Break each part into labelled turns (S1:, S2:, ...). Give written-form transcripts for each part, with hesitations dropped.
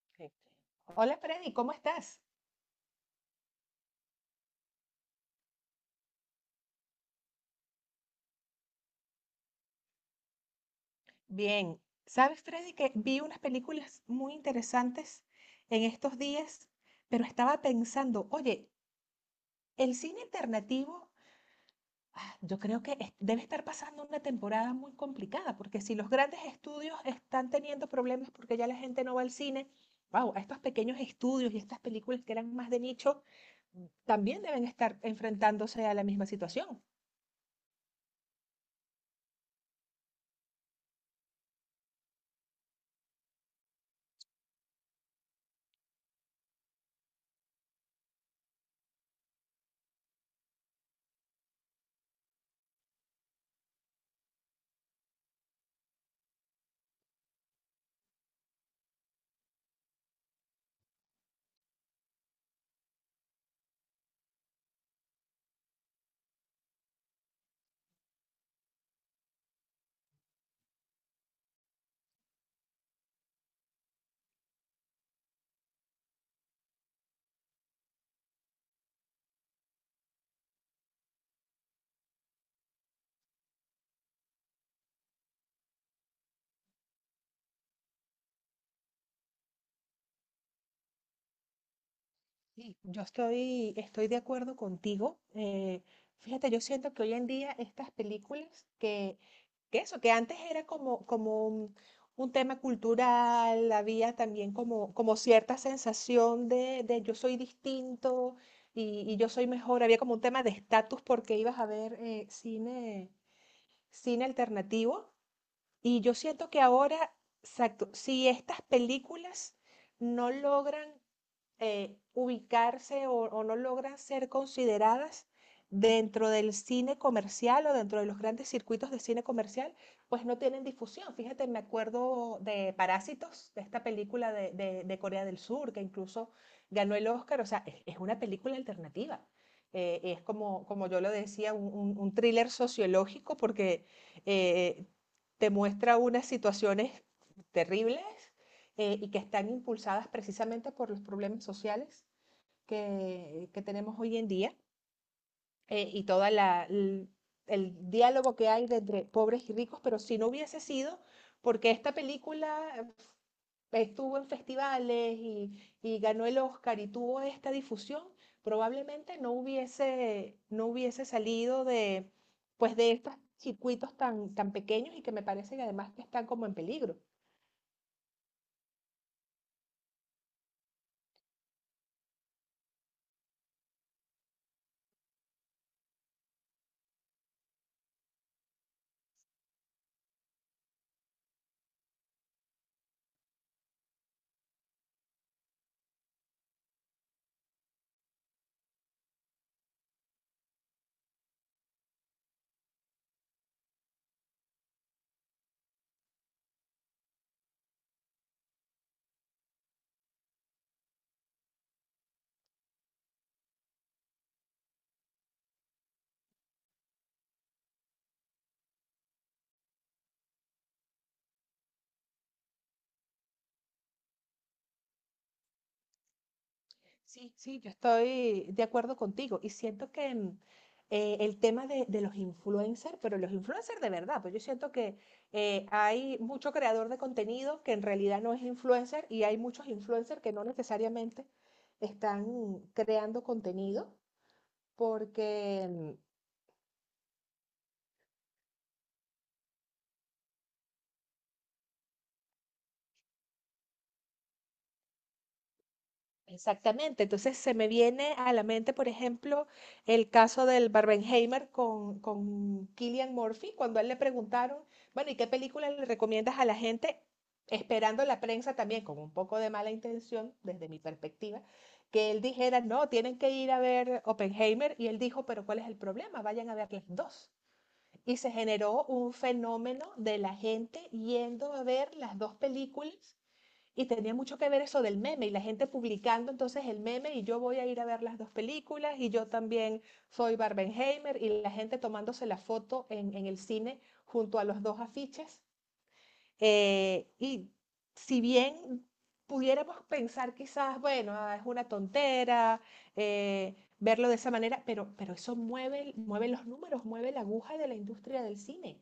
S1: Perfecto. Hola Freddy, ¿cómo estás? Bien. ¿Sabes, Freddy, que vi unas películas muy interesantes en estos días, pero estaba pensando, oye, el cine alternativo, yo creo que debe estar pasando una temporada muy complicada, porque si los grandes estudios están teniendo problemas porque ya la gente no va al cine, wow, a estos pequeños estudios y estas películas que eran más de nicho, también deben estar enfrentándose a la misma situación. Sí, yo estoy de acuerdo contigo. Fíjate, yo siento que hoy en día estas películas que antes era como un tema cultural, había también como cierta sensación de yo soy distinto y yo soy mejor, había como un tema de estatus porque ibas a ver cine, cine alternativo. Y yo siento que ahora, exacto, si estas películas no logran ubicarse o no logran ser consideradas dentro del cine comercial o dentro de los grandes circuitos de cine comercial, pues no tienen difusión. Fíjate, me acuerdo de Parásitos, de esta película de Corea del Sur, que incluso ganó el Oscar. O sea, es una película alternativa. Es como, como yo lo decía, un thriller sociológico porque eh, te muestra unas situaciones terribles, y que están impulsadas precisamente por los problemas sociales que tenemos hoy en día, y todo el diálogo que hay entre pobres y ricos, pero si no hubiese sido porque esta película estuvo en festivales y ganó el Oscar y tuvo esta difusión, probablemente no hubiese salido de, pues de estos circuitos tan, tan pequeños y que me parece que además que están como en peligro. Sí, sí, yo estoy de acuerdo contigo y siento que el tema de los influencers, pero los influencers de verdad, pues yo siento que hay mucho creador de contenido que en realidad no es influencer y hay muchos influencers que no necesariamente están creando contenido porque exactamente. Entonces se me viene a la mente, por ejemplo, el caso del Barbenheimer con Cillian Murphy, cuando a él le preguntaron, bueno, ¿y qué película le recomiendas a la gente? Esperando la prensa también, con un poco de mala intención, desde mi perspectiva, que él dijera, no, tienen que ir a ver Oppenheimer. Y él dijo, pero ¿cuál es el problema? Vayan a ver las dos. Y se generó un fenómeno de la gente yendo a ver las dos películas y tenía mucho que ver eso del meme y la gente publicando entonces el meme y yo voy a ir a ver las dos películas y yo también soy Barbenheimer y la gente tomándose la foto en el cine junto a los dos afiches. Eh, y si bien pudiéramos pensar quizás, bueno, ah, es una tontera verlo de esa manera, pero eso mueve, mueve los números, mueve la aguja de la industria del cine.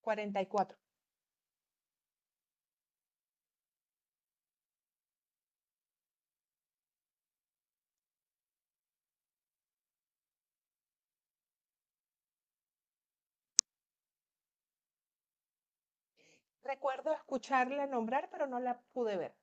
S1: 44. Recuerdo escucharla nombrar, pero no la pude ver.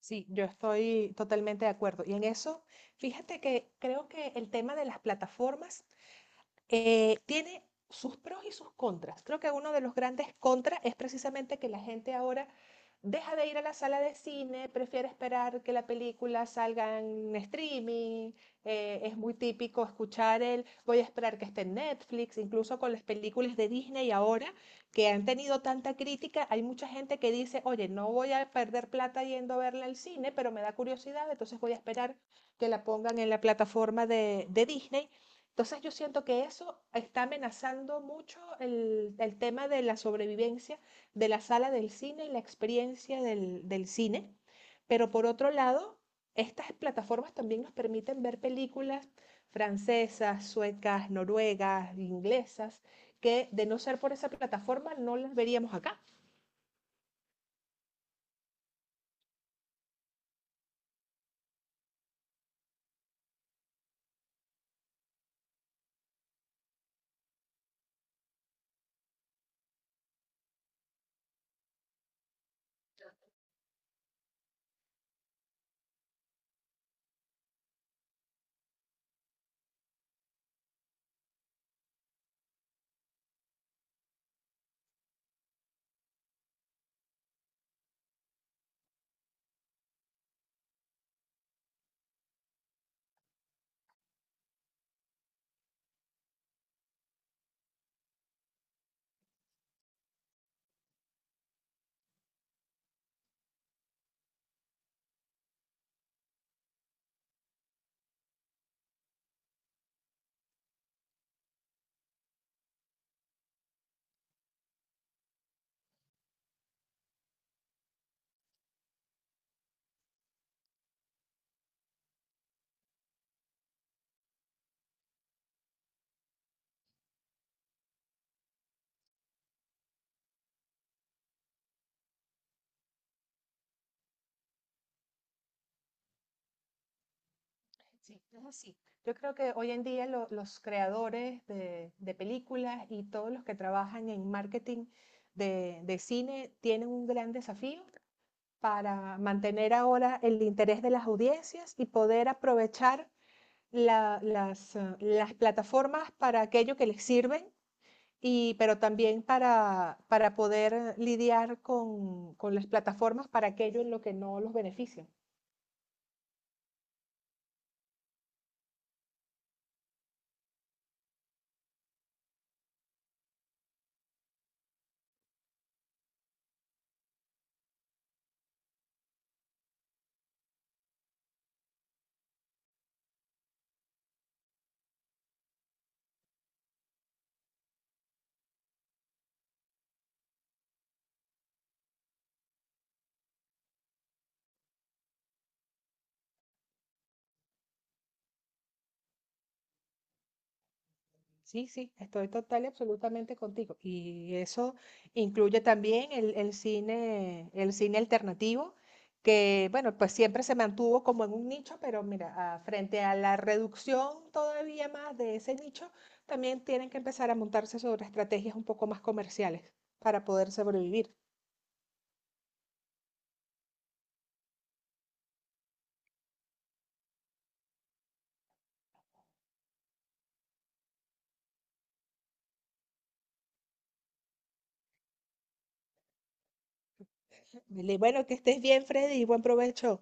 S1: Sí, yo estoy totalmente de acuerdo. Y en eso, fíjate que creo que el tema de las plataformas tiene sus pros y sus contras. Creo que uno de los grandes contras es precisamente que la gente ahora deja de ir a la sala de cine, prefiere esperar que la película salga en streaming. Es muy típico escuchar el voy a esperar que esté en Netflix, incluso con las películas de Disney ahora que han tenido tanta crítica, hay mucha gente que dice, oye, no voy a perder plata yendo a verla al cine, pero me da curiosidad, entonces voy a esperar que la pongan en la plataforma de Disney. Entonces yo siento que eso está amenazando mucho el tema de la sobrevivencia de la sala del cine y la experiencia del, del cine. Pero por otro lado, estas plataformas también nos permiten ver películas francesas, suecas, noruegas, inglesas, que de no ser por esa plataforma no las veríamos acá. Sí, es así. Yo creo que hoy en día los creadores de películas y todos los que trabajan en marketing de cine tienen un gran desafío para mantener ahora el interés de las audiencias y poder aprovechar las plataformas para aquello que les sirven, y, pero también para poder lidiar con las plataformas para aquello en lo que no los benefician. Sí, sí, estoy total y absolutamente contigo. Y eso incluye también el cine alternativo, que bueno, pues siempre se mantuvo como en un nicho, pero mira, ah, frente a la reducción todavía más de ese nicho, también tienen que empezar a montarse sobre estrategias un poco más comerciales para poder sobrevivir. Vale, bueno, que estés bien, Freddy, y buen provecho.